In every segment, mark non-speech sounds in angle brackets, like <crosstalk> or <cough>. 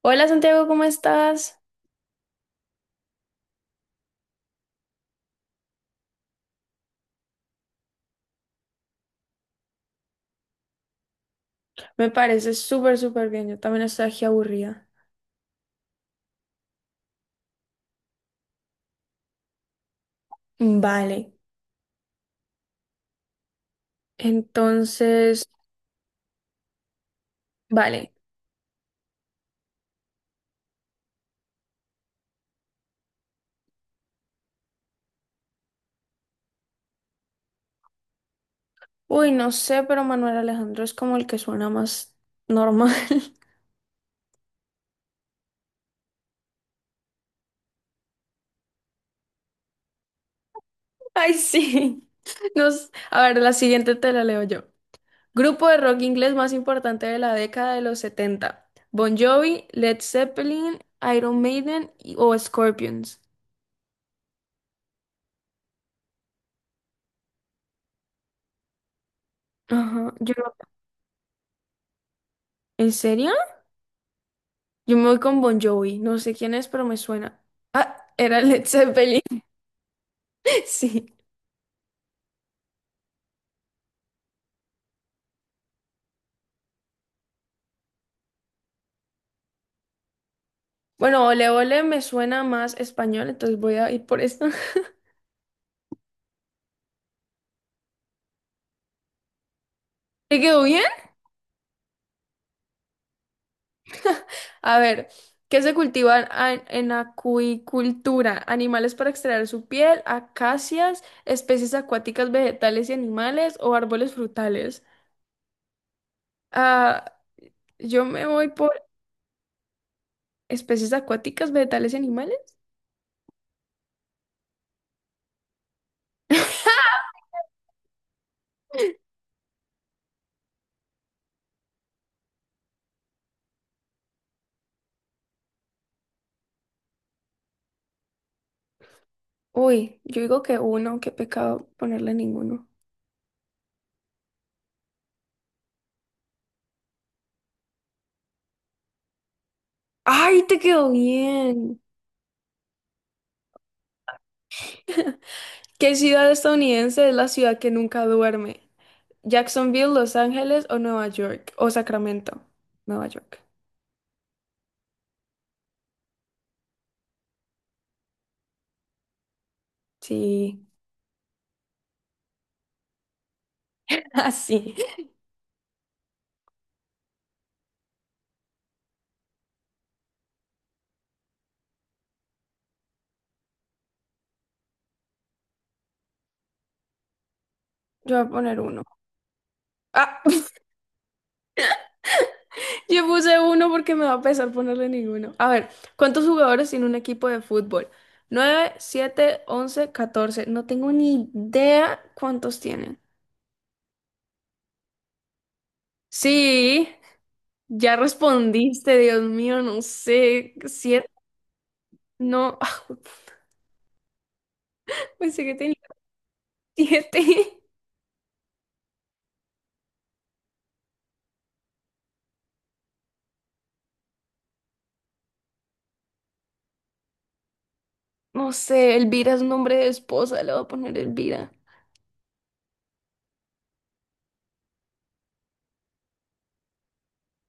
Hola Santiago, ¿cómo estás? Me parece súper, súper bien. Yo también estoy aquí aburrida. Vale, entonces, vale. Uy, no sé, pero Manuel Alejandro es como el que suena más normal. <laughs> Ay, sí. A ver, la siguiente te la leo yo. Grupo de rock inglés más importante de la década de los 70. Bon Jovi, Led Zeppelin, Iron Maiden o Scorpions. Ajá, yo no- ¿En serio? Yo me voy con Bon Jovi. No sé quién es, pero me suena. Ah, era Led Zeppelin. <laughs> Sí. Bueno, Ole Ole me suena más español, entonces voy a ir por esto. <laughs> ¿Te quedó bien? A ver, ¿qué se cultiva en acuicultura? Animales para extraer su piel, acacias, especies acuáticas, vegetales y animales o árboles frutales. Ah, yo me voy por especies acuáticas, vegetales y animales. Uy, yo digo que uno, qué pecado ponerle ninguno. ¡Ay, te quedó bien! ¿Qué ciudad estadounidense es la ciudad que nunca duerme? ¿Jacksonville, Los Ángeles o Nueva York? O Sacramento, Nueva York. Sí. <laughs> Así. Yo voy a poner uno. Ah, <laughs> yo puse uno porque me va a pesar ponerle ninguno. A ver, ¿cuántos jugadores tiene un equipo de fútbol? 9, 7, 11, 14. No tengo ni idea cuántos tienen. Sí, ya respondiste, Dios mío, no sé. ¿Siete? No, <laughs> pensé que tenía siete. No sé, Elvira es nombre de esposa, le voy a poner Elvira.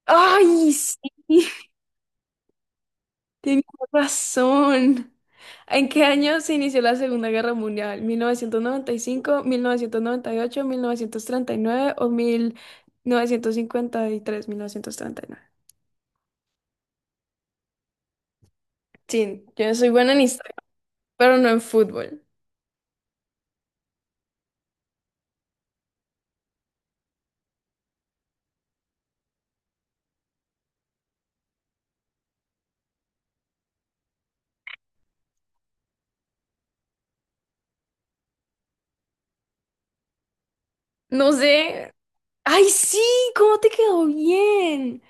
¡Ay, sí! <laughs> Tenía razón. ¿En qué año se inició la Segunda Guerra Mundial? Mil novecientos noventa y cinco, ocho, 1939 o mil novecientos cincuenta y tres, 1939. Sí, yo soy buena en historia, pero no en fútbol. No sé. ¡Ay, sí! ¿Cómo te quedó bien?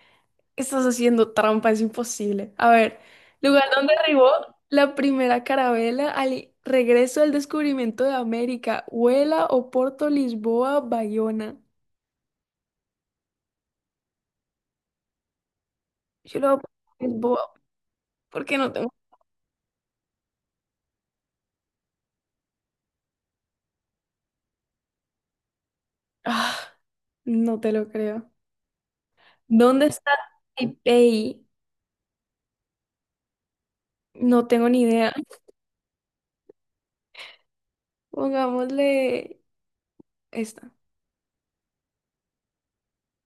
Estás haciendo trampa, es imposible. A ver, lugar donde arribó la primera carabela al regreso del descubrimiento de América, Huela, Oporto, Lisboa, Bayona. Yo lo voy a poner Lisboa porque no tengo. Ah, no te lo creo. ¿Dónde está Taipei? No tengo ni idea. Pongámosle esta.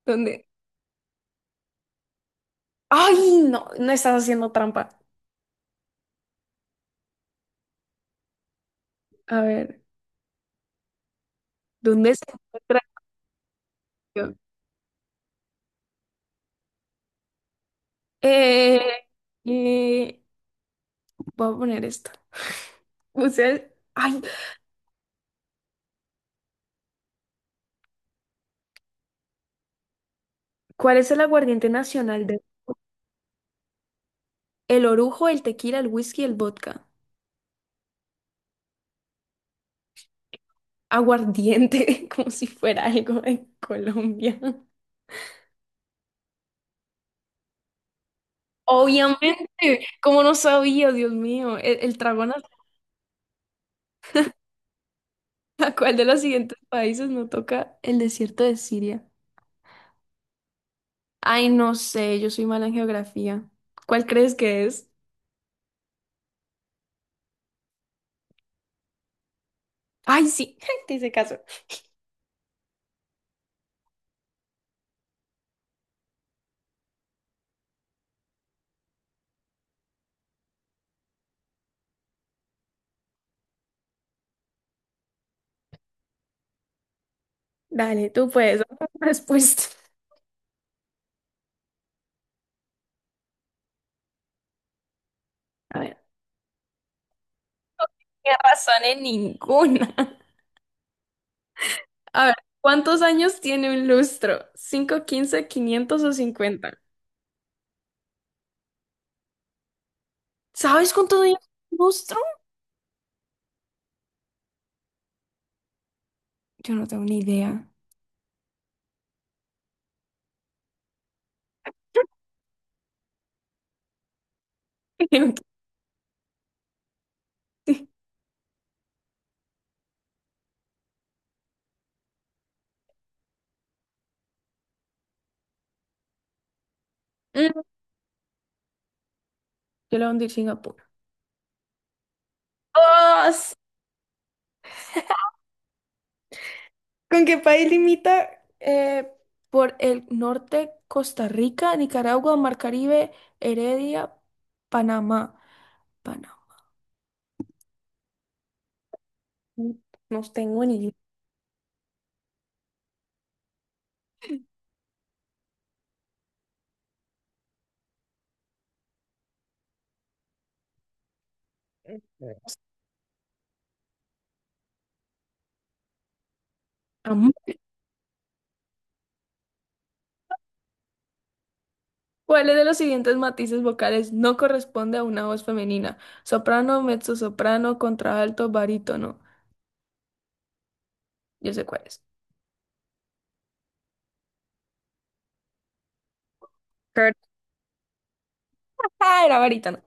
¿Dónde? ¡Ay! No, no estás haciendo trampa. A ver, ¿dónde se encuentra? Eh, eh, Voy a poner esto. <laughs> Usted, ay, ¿cuál es el aguardiente nacional de: el orujo, el tequila, el whisky, el vodka? Aguardiente, <laughs> como si fuera algo en Colombia. Obviamente, como no sabía, Dios mío, el trago nacional. <laughs> ¿A cuál de los siguientes países no toca el desierto de Siria? Ay, no sé, yo soy mala en geografía. ¿Cuál crees que es? Ay, sí, <laughs> te hice caso. Dale, tú puedes. <laughs> Respuesta. A ver. ¿Qué razón en ninguna? A ver, ¿cuántos años tiene un lustro? 5, 15, 500 o 50. ¿Sabes cuántos años tiene un lustro? Yo no tengo ni idea. <laughs> Creo que sí. Mm, Yo la hundí en Singapur. ¡Oh! ¿Con qué país limita? Por el norte, Costa Rica, Nicaragua, Mar Caribe, Heredia, Panamá. Panamá. No tengo ni idea. ¿Cuáles de los siguientes matices vocales no corresponde a una voz femenina? Soprano, mezzosoprano, contralto, barítono. Yo sé cuáles. Kurt. Ah, era barítono.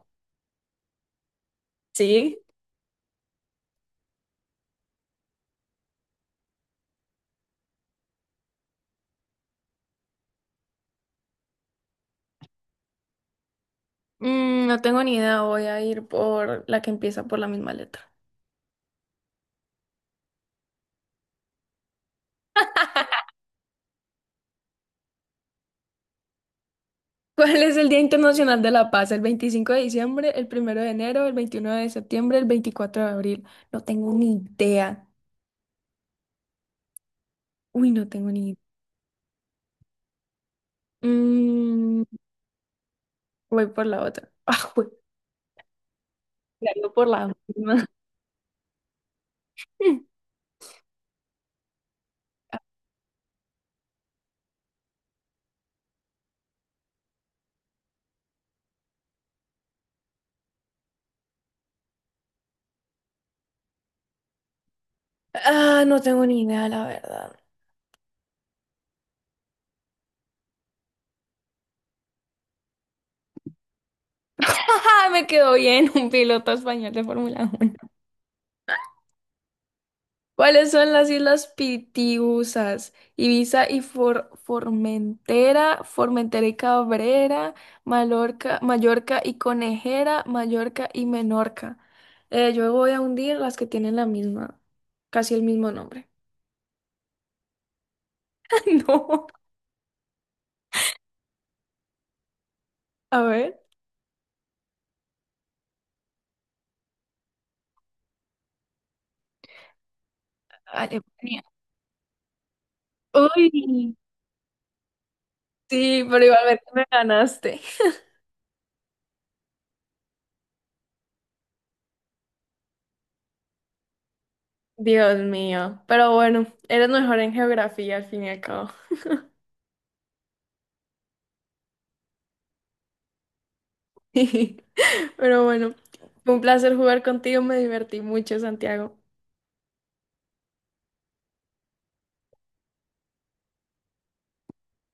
Sí. No tengo ni idea. Voy a ir por la que empieza por la misma letra. <laughs> ¿Cuál es el Día Internacional de la Paz? ¿El 25 de diciembre, el 1 de enero, el 21 de septiembre, el 24 de abril? No tengo ni idea. Uy, no tengo ni idea. Mm, voy por la otra. <laughs> Ah, voy por la misma. <laughs> Ah, no tengo ni idea, la verdad. ¡Ah! Me quedó bien. <laughs> Un piloto español de Fórmula 1. ¿Cuáles son las islas Pitiusas? Ibiza y Formentera, Formentera y Cabrera, Mallorca, Mallorca y Conejera, Mallorca y Menorca. Yo voy a hundir las que tienen la misma, casi el mismo nombre. <laughs> No. A ver. Alemania. Uy, sí, pero igualmente me ganaste. Dios mío. Pero bueno, eres mejor en geografía al fin y al cabo. <laughs> Pero bueno, fue un placer jugar contigo, me divertí mucho, Santiago.